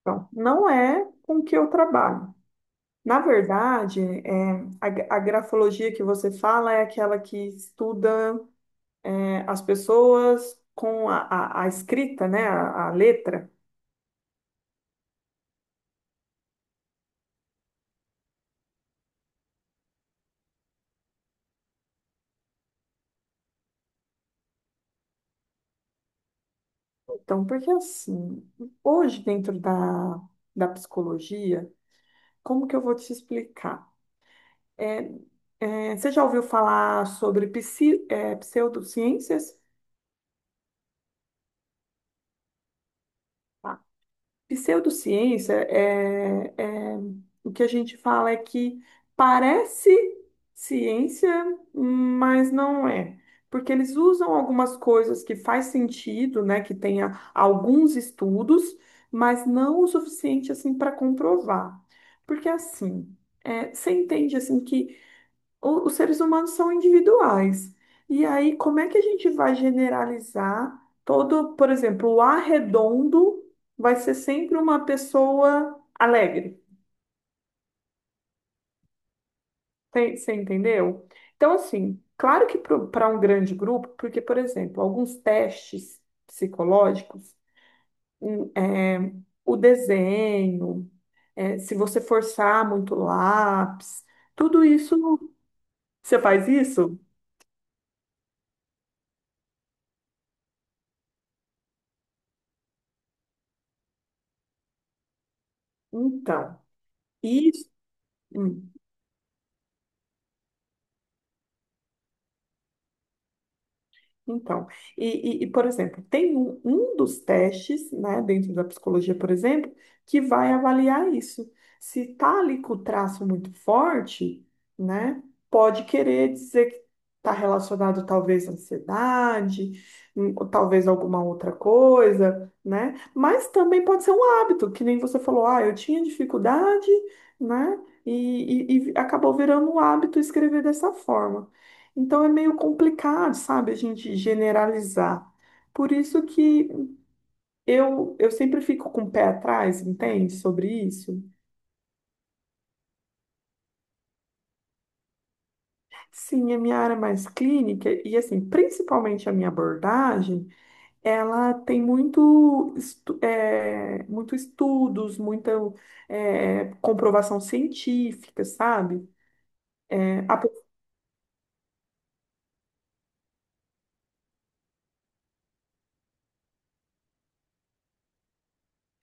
Então, não é com o que eu trabalho. Na verdade, a grafologia que você fala é aquela que estuda as pessoas com a escrita, né, a letra. Então, porque assim, hoje dentro da psicologia, como que eu vou te explicar? É, Você já ouviu falar sobre pseudociências? Pseudociência o que a gente fala é que parece ciência, mas não é. Porque eles usam algumas coisas que faz sentido, né, que tenha alguns estudos, mas não o suficiente assim para comprovar. Porque assim, você entende assim que os seres humanos são individuais. E aí, como é que a gente vai generalizar todo, por exemplo, o arredondo vai ser sempre uma pessoa alegre. Você entendeu? Então, assim, claro que para um grande grupo, porque, por exemplo, alguns testes psicológicos, hum, é, o desenho, se você forçar muito o lápis, tudo isso. Você faz isso? Então, isso. hum, Então, e, por exemplo, tem um dos testes, né, dentro da psicologia, por exemplo, que vai avaliar isso. Se tá ali com o traço muito forte, né, pode querer dizer que está relacionado talvez à ansiedade, ou talvez alguma outra coisa, né, mas também pode ser um hábito, que nem você falou, ah, eu tinha dificuldade, né, e acabou virando um hábito escrever dessa forma. Então é meio complicado, sabe, a gente generalizar. Por isso que eu sempre fico com o pé atrás, entende, sobre isso. Sim, a minha área é mais clínica e, assim, principalmente a minha abordagem, ela tem muito estudos, muita comprovação científica, sabe? É,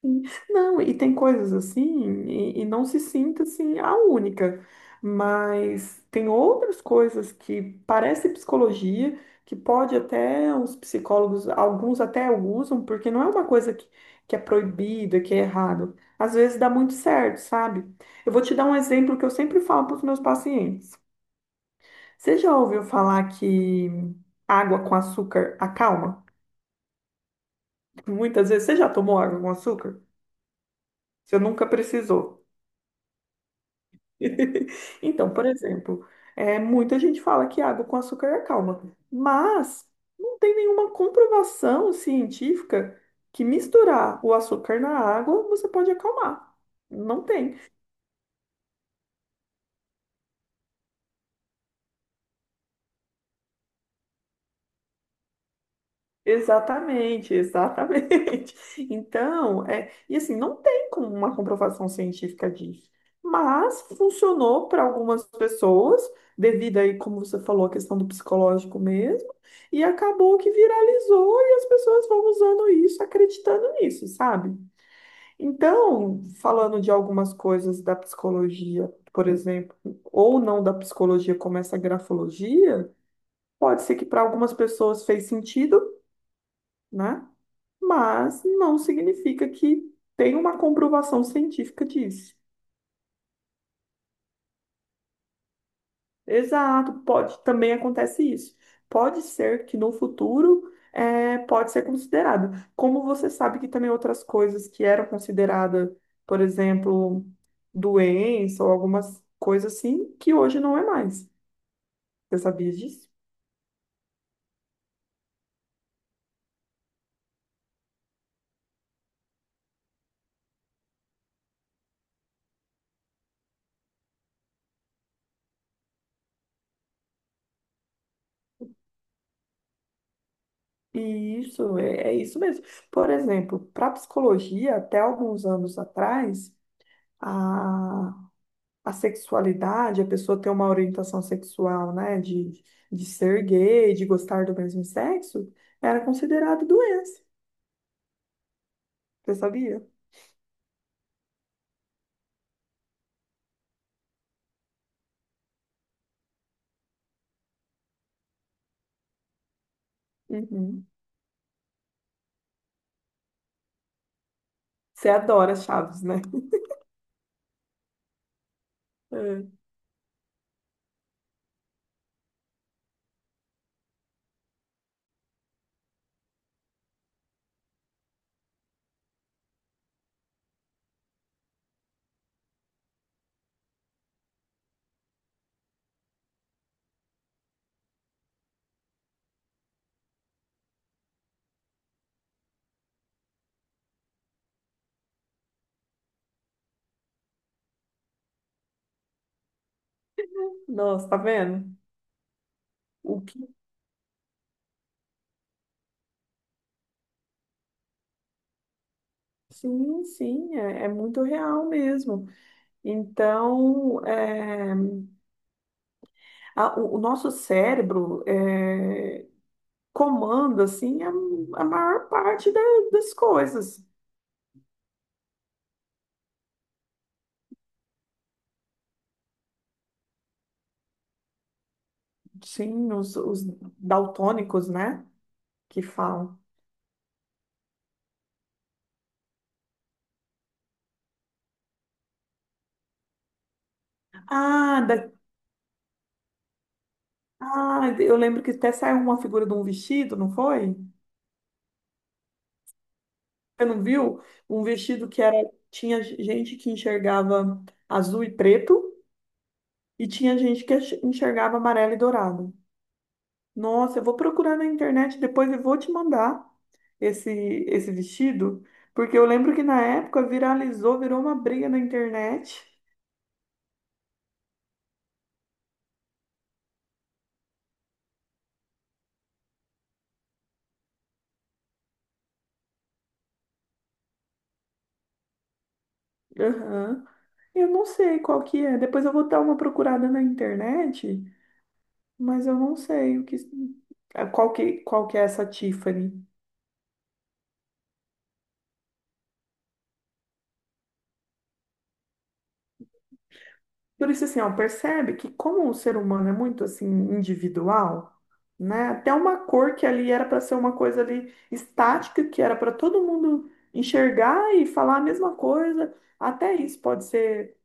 Sim. Não, e tem coisas assim, e não se sinta assim a única, mas tem outras coisas que parece psicologia, que pode até os psicólogos, alguns até usam, porque não é uma coisa que é proibida, que é errado. Às vezes dá muito certo, sabe? Eu vou te dar um exemplo que eu sempre falo para os meus pacientes. Você já ouviu falar que água com açúcar acalma? Muitas vezes, você já tomou água com açúcar? Você nunca precisou. Então, por exemplo, muita gente fala que água com açúcar é calma, mas não tem nenhuma comprovação científica que misturar o açúcar na água você pode acalmar. Não tem. Exatamente, exatamente. Então, e assim, não tem como uma comprovação científica disso, mas funcionou para algumas pessoas, devido aí, como você falou, a questão do psicológico mesmo, e acabou que viralizou e as pessoas vão usando isso, acreditando nisso, sabe? Então, falando de algumas coisas da psicologia, por exemplo, ou não da psicologia, como essa grafologia, pode ser que para algumas pessoas fez sentido, né? Mas não significa que tem uma comprovação científica disso. Exato, pode, também acontece isso. Pode ser que no futuro pode ser considerado. Como você sabe que também outras coisas que eram consideradas, por exemplo, doença ou algumas coisas assim, que hoje não é mais. Você sabia disso? É isso mesmo. Por exemplo, para psicologia, até alguns anos atrás, a sexualidade, a pessoa ter uma orientação sexual, né, de ser gay, de gostar do mesmo sexo, era considerado doença. Você sabia? Uhum. Você adora Chaves, né? É. Nossa, tá vendo? O que... Sim, sim, é muito real mesmo. Então, o nosso cérebro comanda, assim, a maior parte das coisas. Sim, os daltônicos, né, que falam. Ah, da... ah, eu lembro que até saiu uma figura de um vestido, não foi? Você não viu? Um vestido que era tinha gente que enxergava azul e preto e tinha gente que enxergava amarelo e dourado. Nossa, eu vou procurar na internet depois e vou te mandar esse esse vestido, porque eu lembro que na época viralizou, virou uma briga na internet. Aham. Eu não sei qual que é. Depois eu vou dar uma procurada na internet. Mas eu não sei qual que é essa Tiffany. Por isso, assim, ó, percebe que como o ser humano é muito, assim, individual, né? Até uma cor que ali era para ser uma coisa ali estática, que era para todo mundo enxergar e falar a mesma coisa, até isso pode ser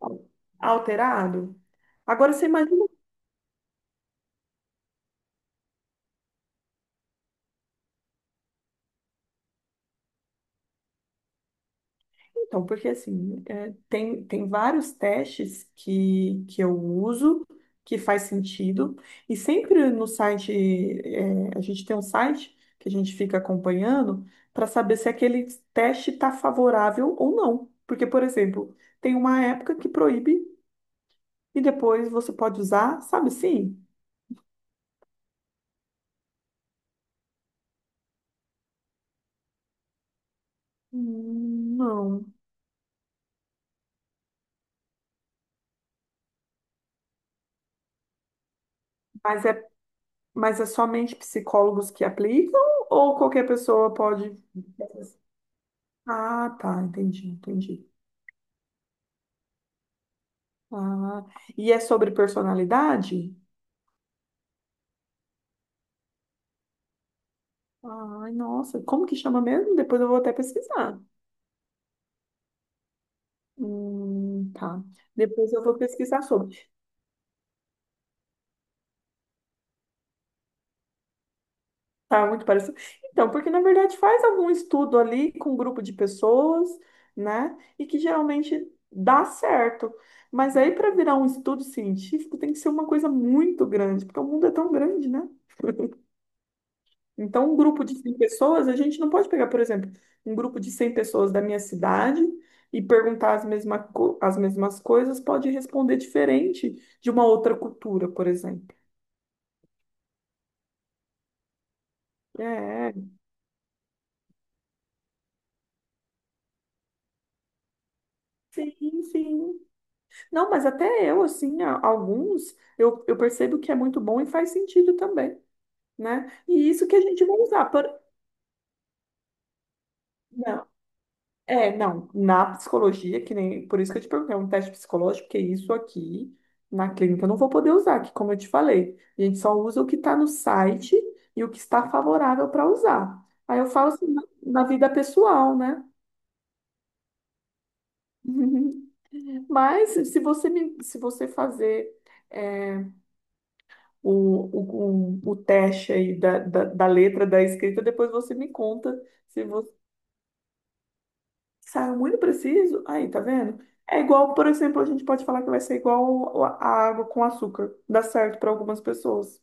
alterado. Agora, você imagina... Então, porque assim, tem vários testes que eu uso, que faz sentido, e sempre no site, a gente tem um site que a gente fica acompanhando para saber se aquele teste está favorável ou não. Porque, por exemplo, tem uma época que proíbe e depois você pode usar, sabe assim? Não. Mas é, mas é somente psicólogos que aplicam ou qualquer pessoa pode. Ah, tá, entendi, entendi. Ah, e é sobre personalidade? Ai, nossa, como que chama mesmo? Depois eu vou até pesquisar. Tá. Depois eu vou pesquisar sobre. Tá muito parecido. Então, porque na verdade faz algum estudo ali com um grupo de pessoas, né? E que geralmente dá certo. Mas aí para virar um estudo científico tem que ser uma coisa muito grande, porque o mundo é tão grande, né? Então, um grupo de 100 pessoas, a gente não pode pegar, por exemplo, um grupo de 100 pessoas da minha cidade e perguntar as mesmas coisas, pode responder diferente de uma outra cultura, por exemplo. É, sim, sim. Não, mas até eu, assim, alguns, eu percebo que é muito bom e faz sentido também, né? E isso que a gente vai usar. Por... Não. É, não, na psicologia, que nem, por isso que eu te perguntei, é um teste psicológico, porque isso aqui na clínica eu não vou poder usar, que como eu te falei, a gente só usa o que está no site e o que está favorável para usar. Aí eu falo assim, na vida pessoal, né? Mas se você fazer é, o teste aí da letra, da escrita, depois você me conta. Saiu muito preciso? Aí, tá vendo? É igual, por exemplo, a gente pode falar que vai ser igual a água com açúcar. Dá certo para algumas pessoas.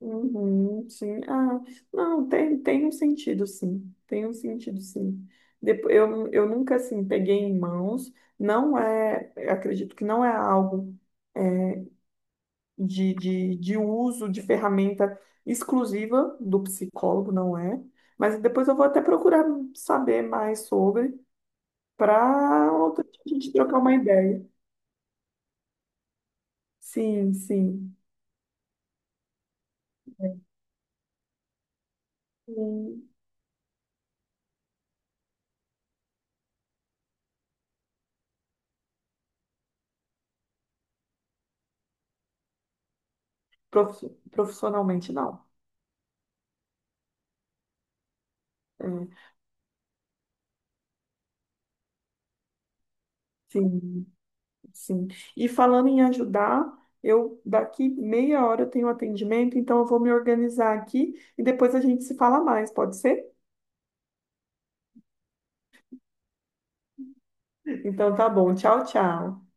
Uhum, sim. Ah, não, tem um sentido, sim. Tem um sentido, sim. Depois, eu nunca, assim, peguei em mãos. Não é, eu acredito que não é algo é, de uso de ferramenta exclusiva do psicólogo, não é? Mas depois eu vou até procurar saber mais sobre para outro dia a gente trocar uma ideia. Sim, sim. Hum, Profissionalmente, não. É, sim, sim. E falando em ajudar, eu daqui meia hora eu tenho um atendimento, então eu vou me organizar aqui e depois a gente se fala mais, pode ser? Então tá bom. Tchau, tchau.